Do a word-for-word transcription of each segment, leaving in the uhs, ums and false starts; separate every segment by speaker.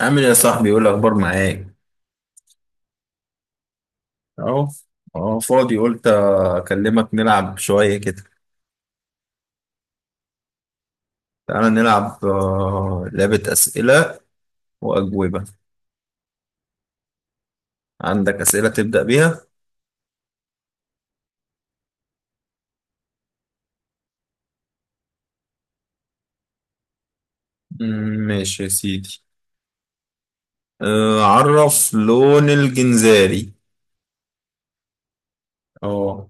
Speaker 1: عامل ايه يا صاحبي؟ يقول اخبار معاك. اهو. اهو فاضي، قلت اكلمك نلعب شويه كده. تعالى نلعب آه، لعبه اسئله واجوبه. عندك اسئله تبدا بيها؟ مم، ماشي يا سيدي. آه، عرف لون الجنزاري. اه.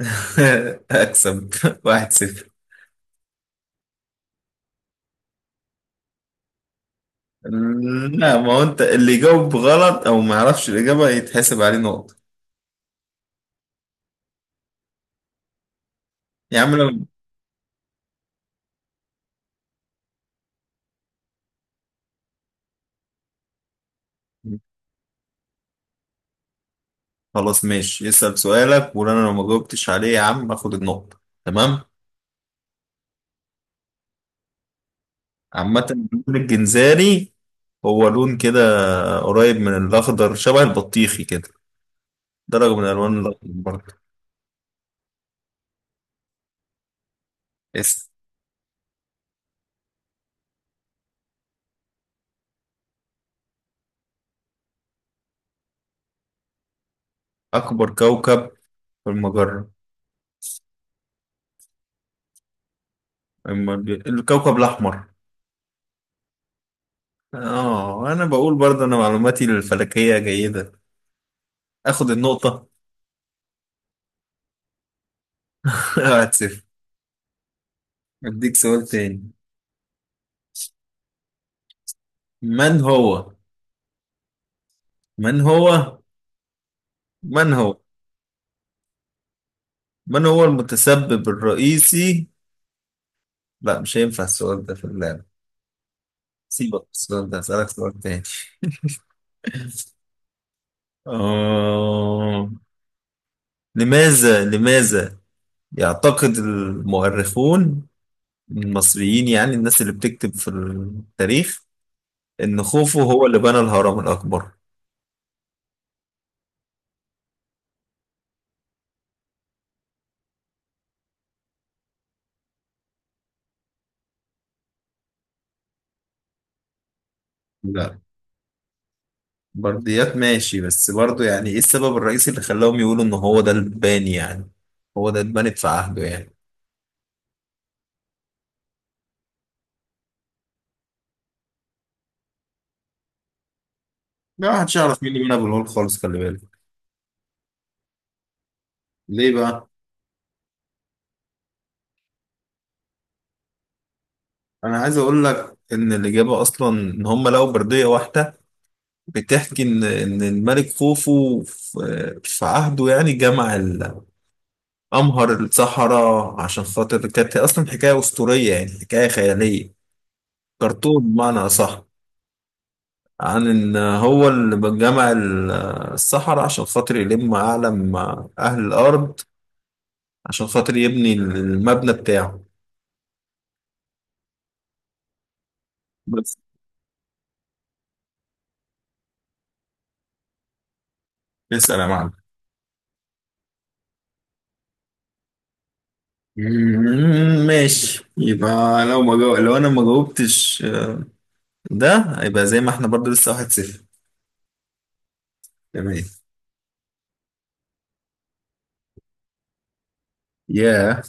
Speaker 1: اكسب واحد صفر. مم، لا، ما هو انت اللي يجاوب غلط او ما يعرفش الاجابه يتحسب عليه نقطه. يا عم لو... خلاص ماشي، اسال سؤالك وانا لو ما جاوبتش عليه يا عم اخد النقطه، تمام. عامة اللون الجنزاني هو لون كده قريب من الأخضر، شبه البطيخي كده، درجة من ألوان الأخضر برضه. اس. أكبر كوكب في المجرة. أما ال- الكوكب الأحمر. آه، أنا بقول برضه أنا معلوماتي الفلكية جيدة. آخد النقطة. واحد صفر. أديك سؤال تاني. من هو من هو من هو من هو المتسبب الرئيسي... لا مش هينفع السؤال ده في اللعبة، سيبك من السؤال ده، هسألك سؤال تاني. آه. لماذا لماذا يعتقد المؤرخون المصريين، يعني الناس اللي بتكتب في التاريخ، إن خوفو هو اللي بنى الهرم الأكبر؟ لا، برديات ماشي، بس برضه يعني إيه السبب الرئيسي اللي خلاهم يقولوا إن هو ده الباني يعني، هو ده اتبنت في عهده يعني. ما حدش يعرف مين اللي بنى أبو الهول خالص، خلي بالك. ليه بقى؟ أنا عايز أقول لك إن الإجابة أصلا إن هم لقوا بردية واحدة بتحكي إن إن الملك خوفو في في عهده يعني جمع الأمهر الصحراء عشان خاطر كانت أصلا حكاية أسطورية، يعني حكاية خيالية، كرتون بمعنى أصح، عن إن هو اللي جمع ال- الصحراء عشان خاطر يلم أعلم أهل الأرض، عشان خاطر يبني المبنى بتاعه. بس. اسأل يا معلم. مم، ماشي، يبقى لو ما جو... لو انا ما جاوبتش، ده هيبقى زي ما احنا برضو لسه واحد صفر. تمام. ياه.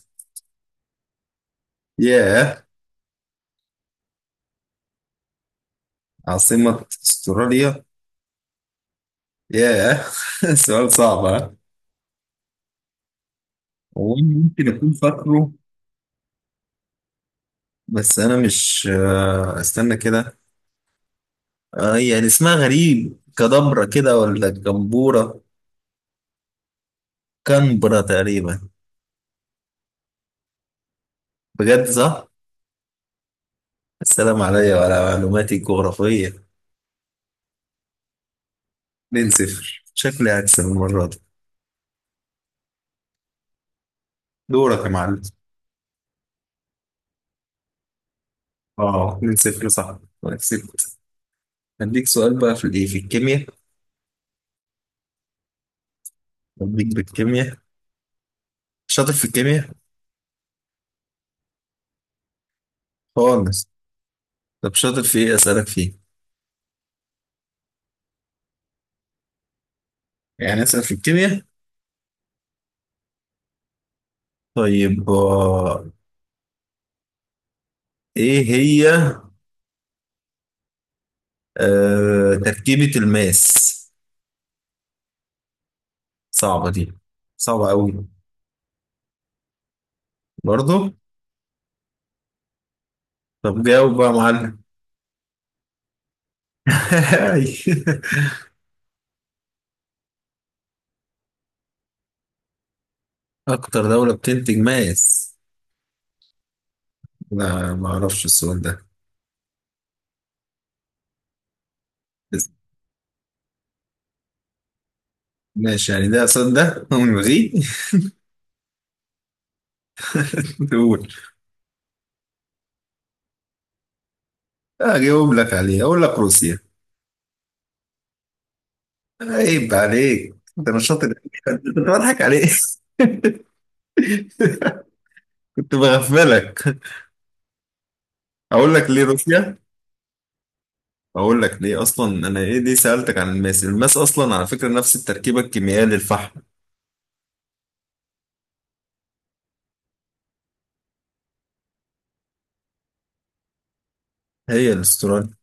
Speaker 1: ياه، عاصمة استراليا. ياه. سؤال صعب ها. هو أنا ممكن أكون فاكره، بس أنا مش... آه، استنى كده. آه، يعني اسمها غريب، كدبرة كده ولا جمبورة؟ كنبرة تقريبا. بجد صح؟ السلام عليا وعلى معلوماتي الجغرافية. اتنين صفر، شكلي هكسب المرة دي. دورك يا معلم. اه، اتنين صفر صح، كسبت. هديك سؤال بقى في الايه، في الكيمياء. هديك بالكيمياء. شاطر في الكيمياء؟ خالص. طب شاطر في ايه اسالك فيه؟ يعني اسال في الكيمياء. طيب، آه، ايه هي آه، تركيبة الماس؟ صعبة دي، صعبة قوي. برضو. طب جاوب بقى يا معلم. اكتر دولة بتنتج ماس. لا ما اعرفش السؤال ده. بس ماشي، يعني ده سؤال ده ونلغيه. تقول. اجاوب لك عليه، اقول لك روسيا. عيب عليك انت مش شاطر. كنت بضحك عليك. كنت بغفلك. اقول لك ليه روسيا، اقول لك ليه. اصلا انا ايه ليه سالتك عن الماس؟ الماس اصلا على فكره نفس التركيبه الكيميائيه للفحم. هي الاستراليا،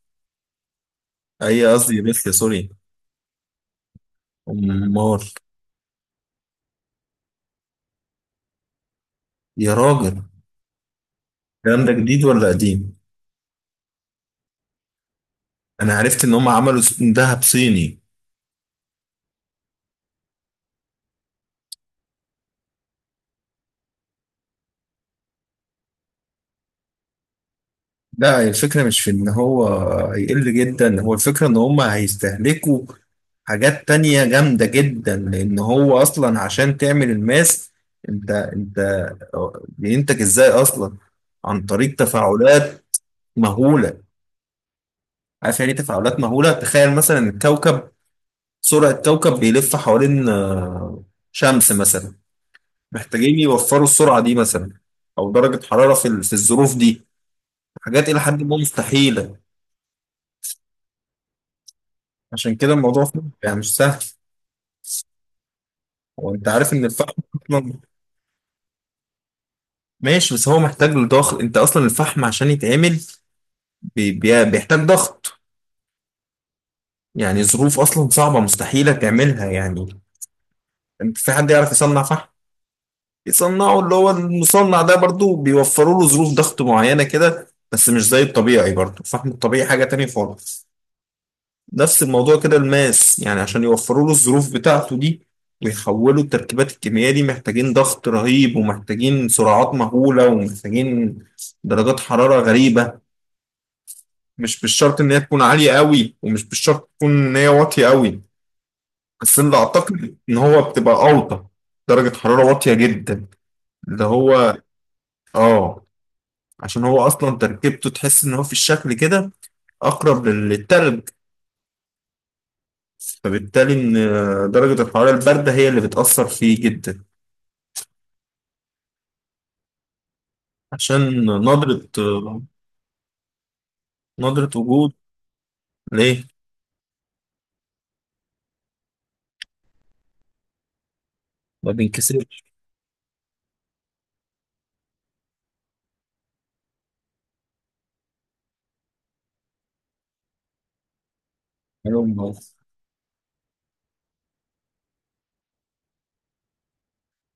Speaker 1: هي قصدي روسيا، سوري. امال. يا راجل، الكلام ده جديد ولا قديم؟ انا عرفت ان هم عملوا ذهب صيني. لا، هي الفكرة مش في إن هو يقل جدا، هو الفكرة إن هما هيستهلكوا حاجات تانية جامدة جدا، لأن هو أصلا عشان تعمل الماس، أنت أنت بينتج إزاي أصلا؟ عن طريق تفاعلات مهولة. عارف يعني إيه تفاعلات مهولة؟ تخيل مثلا الكوكب، سرعة كوكب بيلف حوالين آه، شمس مثلا، محتاجين يوفروا السرعة دي مثلا. أو درجة حرارة في ال- في الظروف دي، حاجات إلى حد ما مستحيلة. عشان كده الموضوع فيه- يعني مش سهل. وانت عارف ان الفحم اصلا، ماشي بس هو محتاج لضغط، انت اصلا الفحم عشان يتعمل بي- بي- بيحتاج ضغط، يعني ظروف اصلا صعبة مستحيلة تعملها يعني. انت في حد يعرف يصنع فحم؟ يصنعه اللي هو المصنع ده برضو بيوفروا له ظروف ضغط معينة كده، بس مش زي الطبيعي، برضو الفحم الطبيعي حاجة تانية خالص. نفس الموضوع كده الماس، يعني عشان يوفروا له الظروف بتاعته دي ويحولوا التركيبات الكيميائية دي، محتاجين ضغط رهيب ومحتاجين سرعات مهولة ومحتاجين درجات حرارة غريبة. مش بالشرط إن هي تكون عالية قوي ومش بالشرط تكون إن هي واطية قوي، بس أنا أعتقد إن هو بتبقى أوطى. درجة حرارة واطية جدا، اللي هو آه، عشان هو أصلا تركيبته تحس إن هو في الشكل كده أقرب للتلج، فبالتالي إن درجة الحرارة الباردة هي اللي بتأثر فيه جدا. عشان نضرة. نضرة وجود. ليه؟ ما بينكسرش. حلو خالص.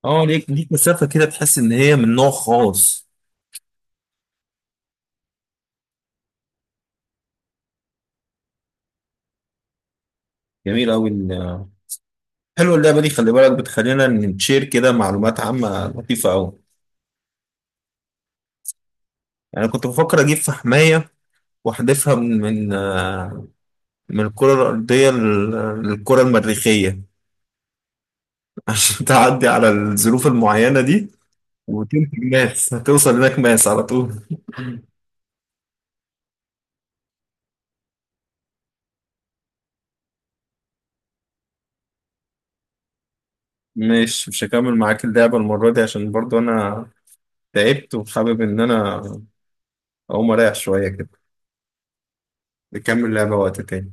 Speaker 1: اه، ليك ليك مسافة كده تحس إن هي من نوع خاص. جميل أوي ال- حلوة اللعبة دي، خلي بالك بتخلينا نشير كده معلومات عامة لطيفة أوي. يعني كنت بفكر أجيب فحماية وأحدفها من من آه، من الكرة الأرضية لل- للكرة المريخية. عشان تعدي على الظروف المعينة دي وتلت ماس هتوصل هناك ماس على طول. مش مش هكمل معاك اللعبة المرة دي عشان برضو أنا تعبت وحابب إن أنا أقوم أريح شوية كده. نكمل لعبة وقت تاني.